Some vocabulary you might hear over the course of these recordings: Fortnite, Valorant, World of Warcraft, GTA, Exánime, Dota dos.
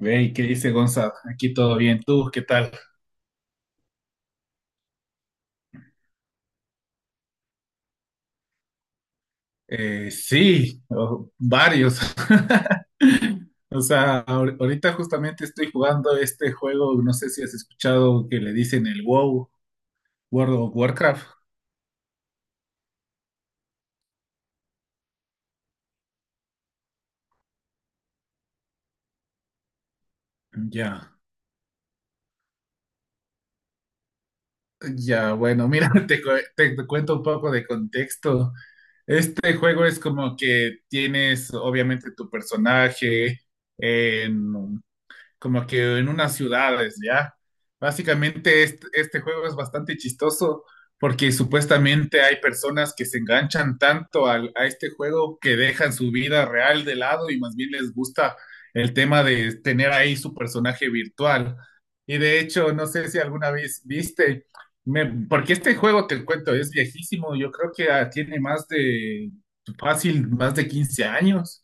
Hey, ¿qué dice Gonzalo? Aquí todo bien. ¿Tú qué tal? Sí, varios. O sea, ahorita justamente estoy jugando este juego, no sé si has escuchado que le dicen el WoW, World of Warcraft. Ya, ya, bueno, mira, te cuento un poco de contexto. Este juego es como que tienes obviamente tu personaje, como que en unas ciudades, ¿ya? Básicamente este juego es bastante chistoso porque supuestamente hay personas que se enganchan tanto a este juego que dejan su vida real de lado y más bien les gusta el tema de tener ahí su personaje virtual. Y de hecho, no sé si alguna vez viste, porque este juego te cuento es viejísimo, yo creo que tiene fácil, más de 15 años.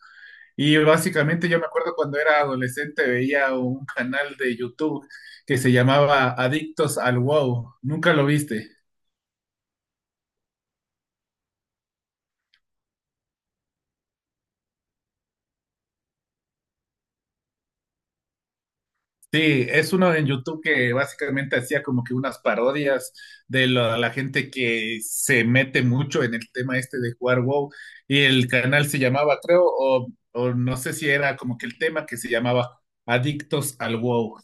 Y básicamente yo me acuerdo cuando era adolescente veía un canal de YouTube que se llamaba Adictos al WoW. ¿Nunca lo viste? Sí, es uno en YouTube que básicamente hacía como que unas parodias de la gente que se mete mucho en el tema este de jugar WoW. Y el canal se llamaba, creo, o no sé si era como que el tema que se llamaba Adictos al WoW.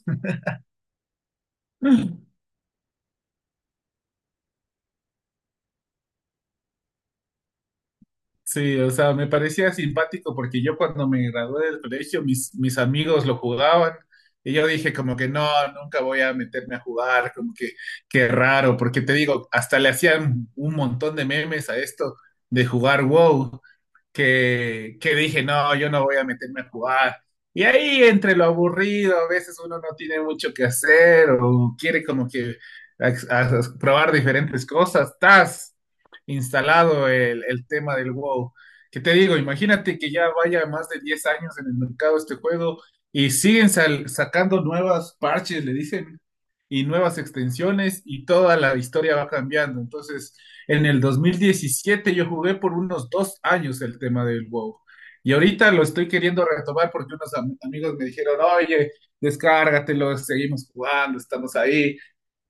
Sí, o sea, me parecía simpático porque yo cuando me gradué del colegio, mis amigos lo jugaban y yo dije como que no, nunca voy a meterme a jugar, como que qué raro, porque te digo, hasta le hacían un montón de memes a esto de jugar WoW que dije, no, yo no voy a meterme a jugar. Y ahí entre lo aburrido, a veces uno no tiene mucho que hacer o quiere como que a probar diferentes cosas, estás instalado el tema del WoW. Que te digo, imagínate que ya vaya más de 10 años en el mercado este juego y siguen sacando nuevas parches, le dicen, y nuevas extensiones y toda la historia va cambiando. Entonces... En el 2017 yo jugué por unos 2 años el tema del WoW. Y ahorita lo estoy queriendo retomar porque unos amigos me dijeron, oye, descárgatelo, seguimos jugando, estamos ahí.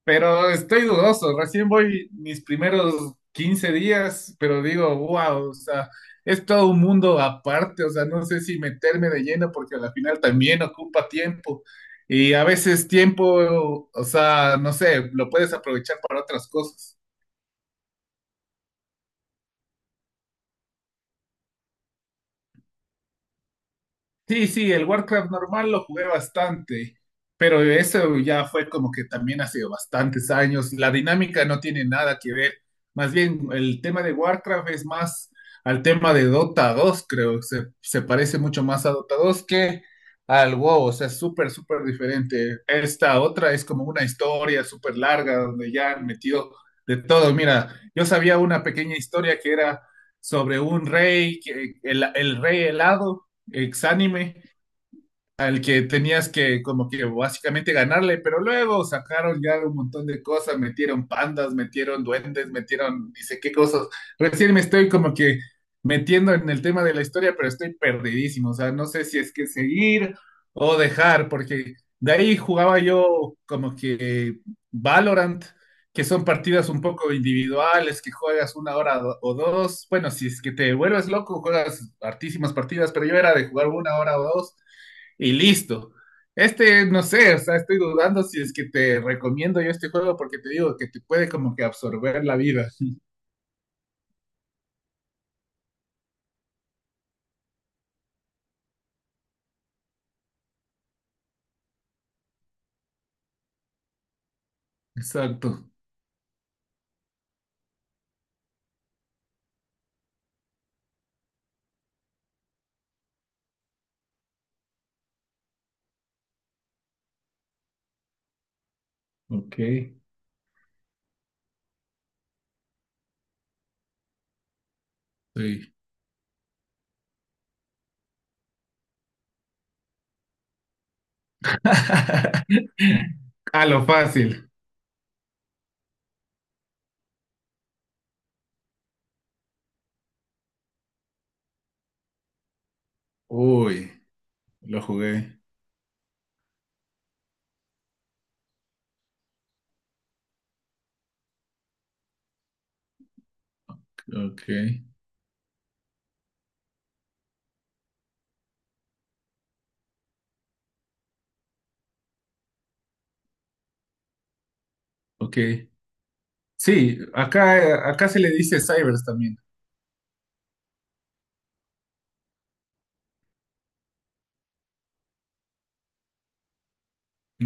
Pero estoy dudoso, recién voy mis primeros 15 días, pero digo, wow, o sea, es todo un mundo aparte, o sea, no sé si meterme de lleno porque a la final también ocupa tiempo. Y a veces tiempo, o sea, no sé, lo puedes aprovechar para otras cosas. Sí, sí, el Warcraft normal lo jugué bastante, pero eso ya fue como que también hace bastantes años. La dinámica no tiene nada que ver. Más bien, el tema de Warcraft es más al tema de Dota 2, creo. Se parece mucho más a Dota 2 que al WoW. O sea, es súper, súper diferente. Esta otra es como una historia súper larga donde ya han metido de todo. Mira, yo sabía una pequeña historia que era sobre un rey, el rey helado Exánime al que tenías que como que básicamente ganarle, pero luego sacaron ya un montón de cosas, metieron pandas, metieron duendes, metieron dice qué cosas. Recién me estoy como que metiendo en el tema de la historia, pero estoy perdidísimo, o sea, no sé si es que seguir o dejar, porque de ahí jugaba yo como que Valorant, que son partidas un poco individuales, que juegas una hora o dos, bueno, si es que te vuelves loco, juegas hartísimas partidas, pero yo era de jugar una hora o dos y listo. Este, no sé, o sea, estoy dudando si es que te recomiendo yo este juego porque te digo que te puede como que absorber la vida. Exacto. Ok, sí. A lo fácil. Uy, lo jugué. Ok, ok. Sí, acá se le dice cybers también.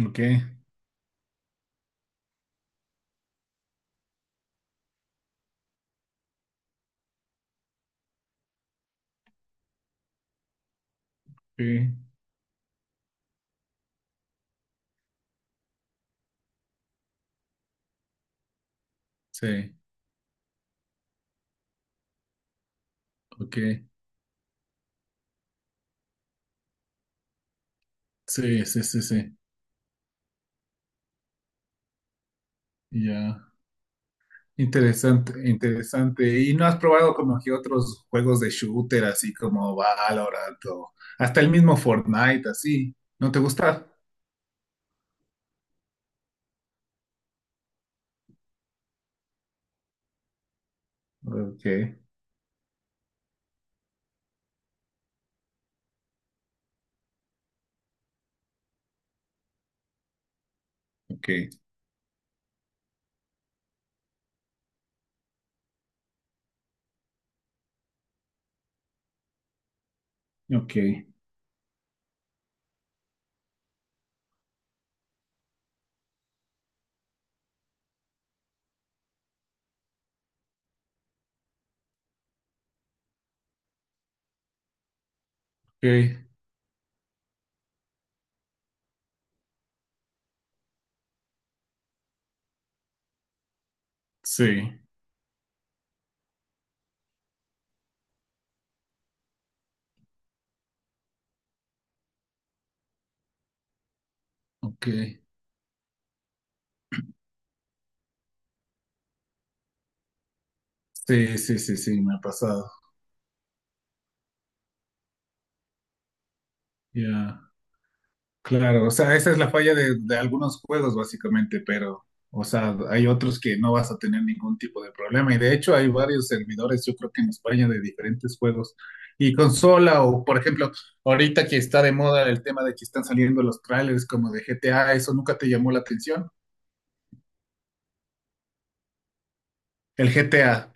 Ok, sí, sí, ok. Sí, sí, sí, sí. Ya. Interesante, interesante. ¿Y no has probado como que otros juegos de shooter, así como Valorant o hasta el mismo Fortnite, así? ¿No te gusta? Ok, ok, ok, ok, sí, ok, sí, sí, sí, sí, me ha pasado. Ya. Claro, o sea, esa es la falla de algunos juegos básicamente, pero, o sea, hay otros que no vas a tener ningún tipo de problema y de hecho hay varios servidores, yo creo que en España de diferentes juegos y consola o, por ejemplo, ahorita que está de moda el tema de que están saliendo los trailers como de GTA, ¿eso nunca te llamó la atención? El GTA.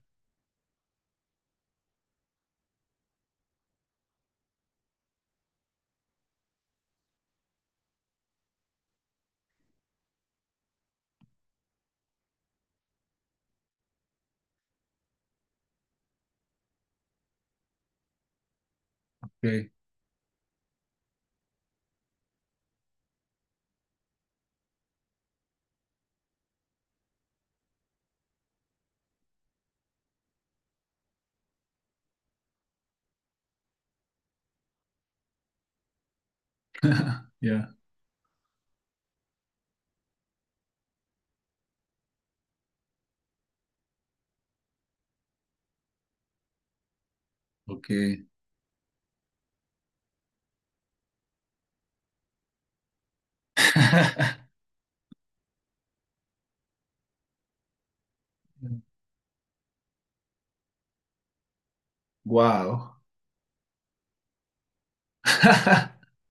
Ok, ya, ok. Wow.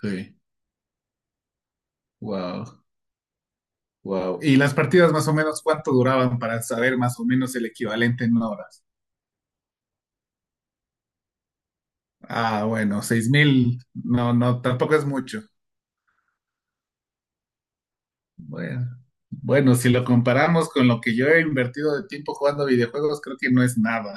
Sí, wow. Wow. ¿Y las partidas más o menos cuánto duraban para saber más o menos el equivalente en horas? Ah, bueno, 6000, no, no, tampoco es mucho. Bueno, bueno, si lo comparamos con lo que yo he invertido de tiempo jugando videojuegos, creo que no es nada.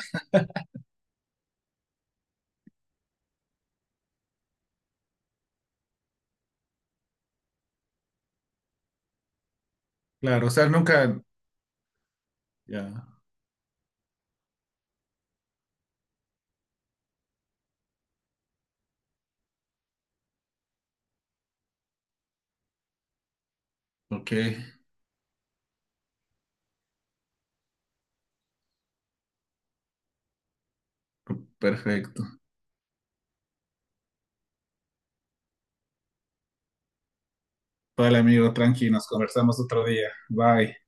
Claro, o sea, nunca... Ya, ok, perfecto. Vale, amigo, tranqui, nos conversamos otro día. Bye.